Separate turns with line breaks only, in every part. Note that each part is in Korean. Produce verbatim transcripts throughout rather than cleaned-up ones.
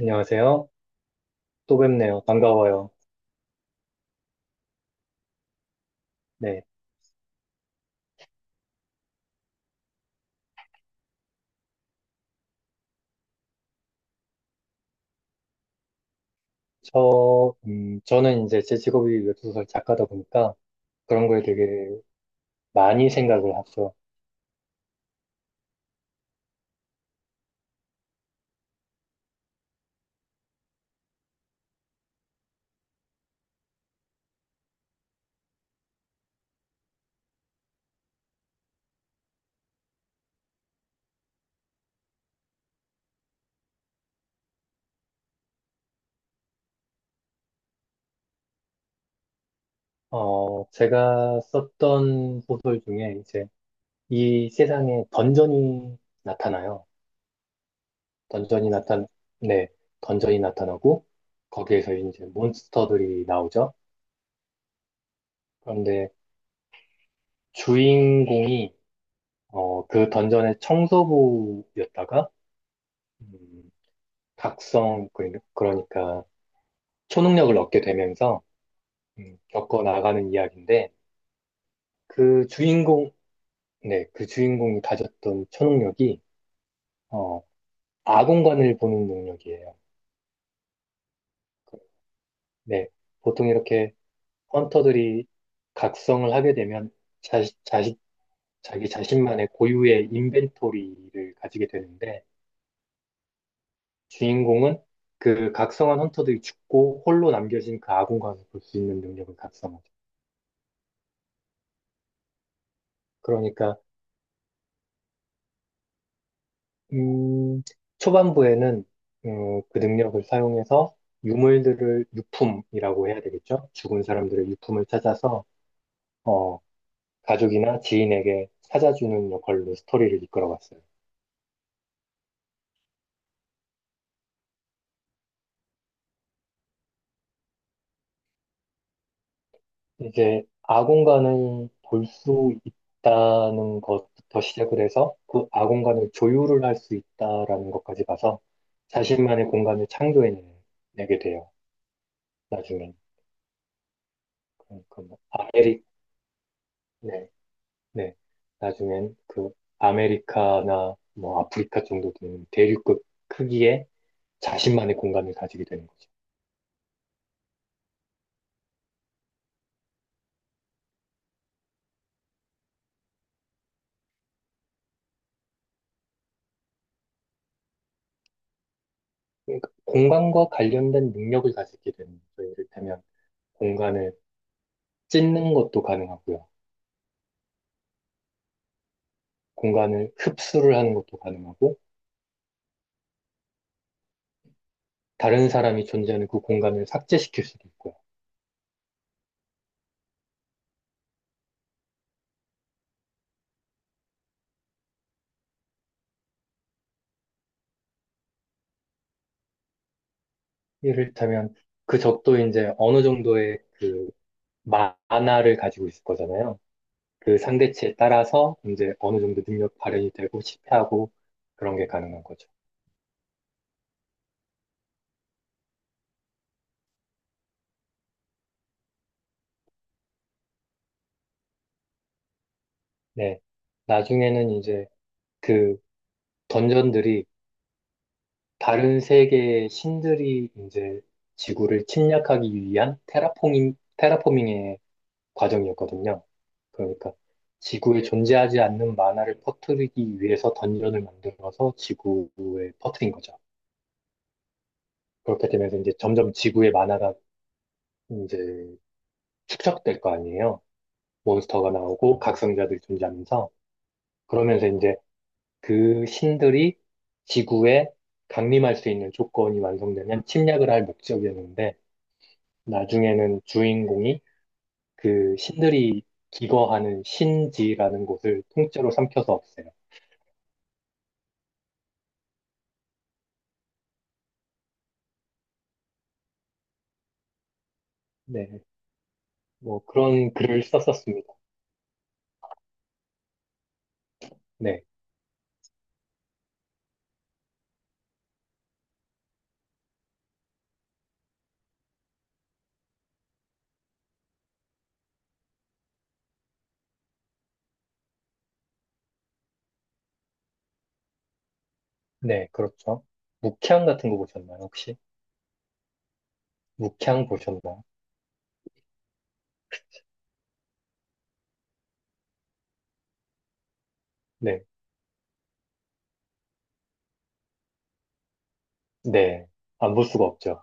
안녕하세요. 또 뵙네요. 반가워요. 네. 저, 음, 저는 이제 제 직업이 웹소설 작가다 보니까 그런 거에 되게 많이 생각을 하죠. 어, 제가 썼던 소설 중에 이제 이 세상에 던전이 나타나요. 던전이 나타, 네. 던전이 나타나고 거기에서 이제 몬스터들이 나오죠. 그런데 주인공이 어, 그 던전의 청소부였다가 음, 각성, 그러니까 초능력을 얻게 되면서 음, 겪어 나가는 이야기인데 그 주인공, 네, 그 주인공이 가졌던 초능력이 어, 아공관을 보는 능력이에요. 그, 네, 보통 이렇게 헌터들이 각성을 하게 되면 자식, 자식, 자기 자신만의 고유의 인벤토리를 가지게 되는데 주인공은 그 각성한 헌터들이 죽고 홀로 남겨진 그 아공관을 볼 수 있는 능력을 각성하죠. 그러니까 음, 초반부에는 음, 그 능력을 사용해서 유물들을 유품이라고 해야 되겠죠? 죽은 사람들의 유품을 찾아서 어, 가족이나 지인에게 찾아주는 역할로 스토리를 이끌어갔어요. 이제 아공간을 볼 수 있다는 것부터 시작을 해서 그 아공간을 조율을 할 수 있다라는 것까지 가서 자신만의 공간을 창조해내게 돼요. 나중에 그러니까 뭐 아메리, 네. 나중엔 그 아메리카나 뭐 아프리카 정도 되는 대륙급 크기의 자신만의 공간을 가지게 되는 거죠. 그러니까 공간과 관련된 능력을 가지게 되는 거죠. 이를테면 공간을 찢는 것도 가능하고요. 공간을 흡수를 하는 것도 가능하고 다른 사람이 존재하는 그 공간을 삭제시킬 수도 있고요. 이를테면 그 적도 이제 어느 정도의 그 만화를 가지고 있을 거잖아요. 그 상대치에 따라서 이제 어느 정도 능력 발현이 되고 실패하고 그런 게 가능한 거죠. 네. 나중에는 이제 그 던전들이 다른 세계의 신들이 이제 지구를 침략하기 위한 테라포밍, 테라포밍의 과정이었거든요. 그러니까 지구에 존재하지 않는 만화를 퍼뜨리기 위해서 던전을 만들어서 지구에 퍼뜨린 거죠. 그렇게 되면서 이제 점점 지구의 만화가 이제 축적될 거 아니에요. 몬스터가 나오고 각성자들이 존재하면서 그러면서 이제 그 신들이 지구에 강림할 수 있는 조건이 완성되면 침략을 할 목적이었는데 나중에는 주인공이 그 신들이 기거하는 신지라는 곳을 통째로 삼켜서 없애요. 네, 뭐 그런 글을 썼었습니다. 네, 네, 그렇죠. 묵향 같은 거 보셨나요, 혹시? 묵향 보셨나요? 네. 네. 안 볼 수가 없죠.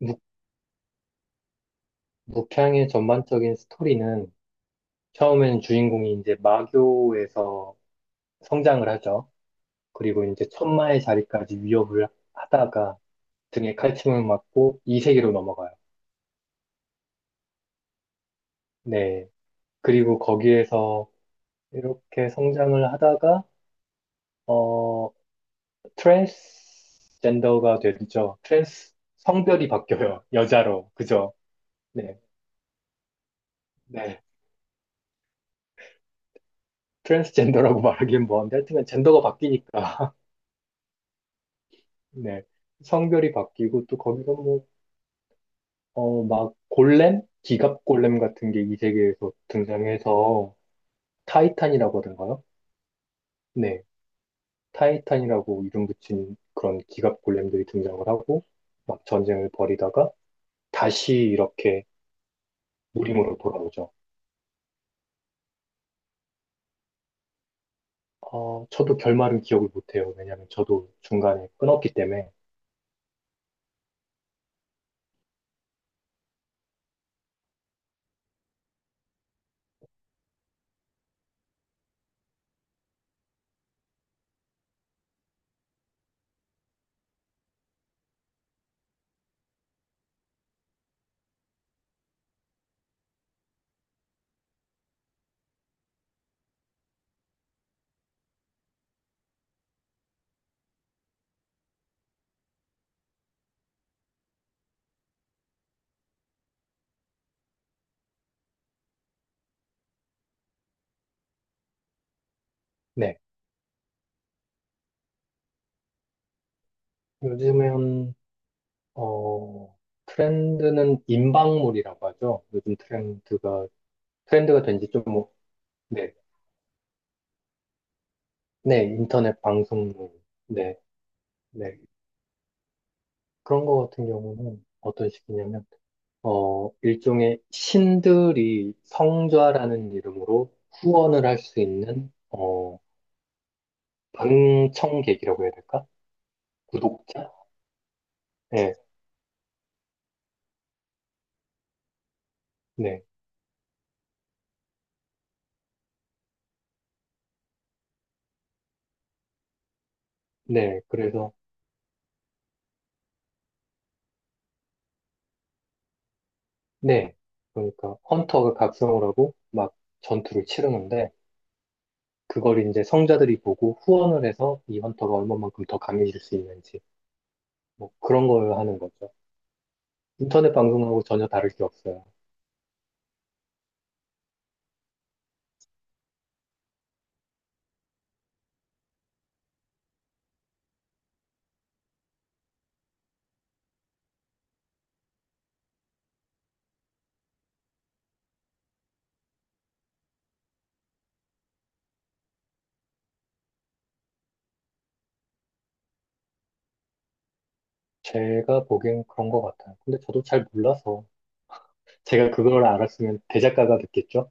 묵, 묵향의 전반적인 스토리는 처음에는 주인공이 이제 마교에서 성장을 하죠. 그리고 이제 천마의 자리까지 위협을 하다가 등에 칼침을 맞고 이 세계로 넘어가요. 네. 그리고 거기에서 이렇게 성장을 하다가, 어, 트랜스젠더가 되죠. 트랜스 성별이 바뀌어요. 여자로. 그죠? 네. 네. 트랜스젠더라고 말하기엔 뭐한데 하여튼간 젠더가 바뀌니까. 네. 성별이 바뀌고 또 거기서 뭐, 어, 막 골렘? 기갑 골렘 같은 게 이 세계에서 등장해서 타이탄이라고 하던가요? 네. 타이탄이라고 이름 붙인 그런 기갑 골렘들이 등장을 하고 막 전쟁을 벌이다가 다시 이렇게 무림으로 돌아오죠. 어, 저도 결말은 기억을 못해요. 왜냐면 저도 중간에 끊었기 때문에. 네. 요즘엔, 어, 트렌드는 인방물이라고 하죠. 요즘 트렌드가, 트렌드가 된지 좀, 뭐- 네. 네, 인터넷 방송물. 네, 네. 그런 거 같은 경우는 어떤 식이냐면, 어, 일종의 신들이 성좌라는 이름으로 후원을 할 수 있는, 어, 방청객이라고 해야 될까? 구독자? 네, 네. 네, 그래서 네. 그러니까 헌터가 각성을 하고 막 전투를 치르는데 그걸 이제 성자들이 보고 후원을 해서 이 헌터가 얼마만큼 더 강해질 수 있는지 뭐 그런 걸 하는 거죠. 인터넷 방송하고 전혀 다를 게 없어요. 제가 보기엔 그런 것 같아요. 근데 저도 잘 몰라서 제가 그걸 알았으면 대작가가 됐겠죠?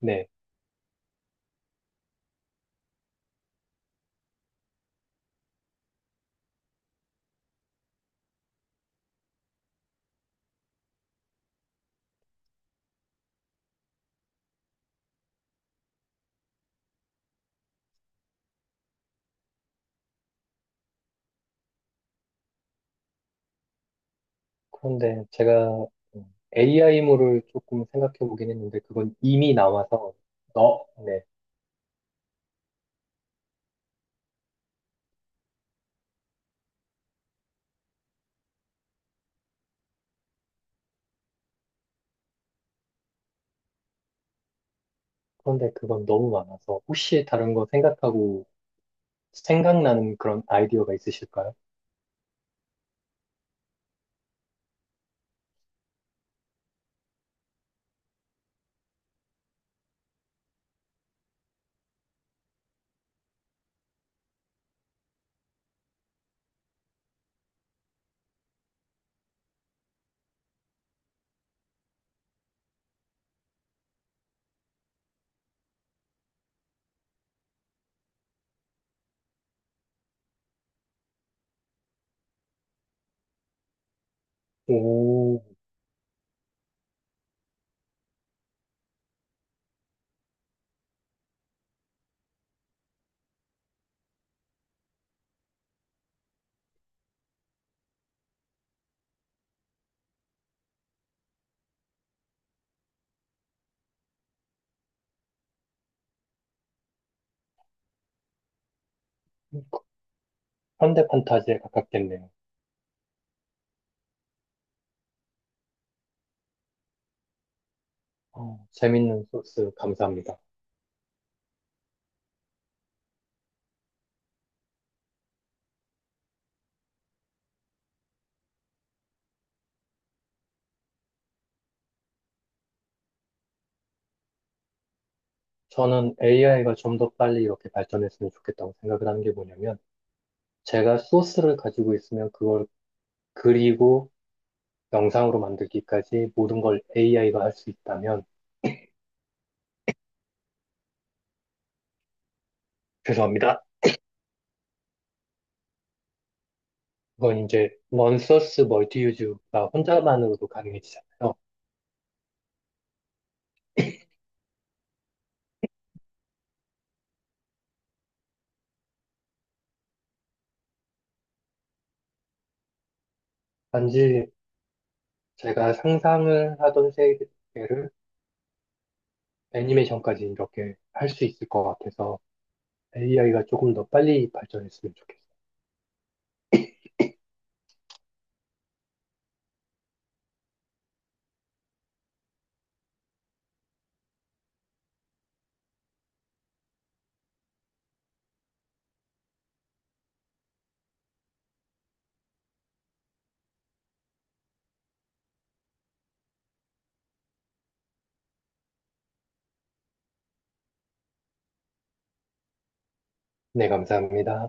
네. 그런데 제가 에이아이물을 조금 생각해 보긴 했는데 그건 이미 나와서 너, 네. 그런데 그건 너무 많아서 혹시 다른 거 생각하고 생각나는 그런 아이디어가 있으실까요? 오, 현대 판타지에 가깝겠네요. 어, 재밌는 소스 감사합니다. 저는 에이아이가 좀 더 빨리 이렇게 발전했으면 좋겠다고 생각을 하는 게 뭐냐면, 제가 소스를 가지고 있으면 그걸 그리고 영상으로 만들기까지 모든 걸 에이아이가 할 수 있다면, 죄송합니다. 그건 이제 원소스 멀티유즈가 혼자만으로도 가능해지잖아요. 단지 제가 상상을 하던 세계를 애니메이션까지 이렇게 할 수 있을 것 같아서 에이아이가 조금 더 빨리 발전했으면 좋겠어요. 네, 감사합니다.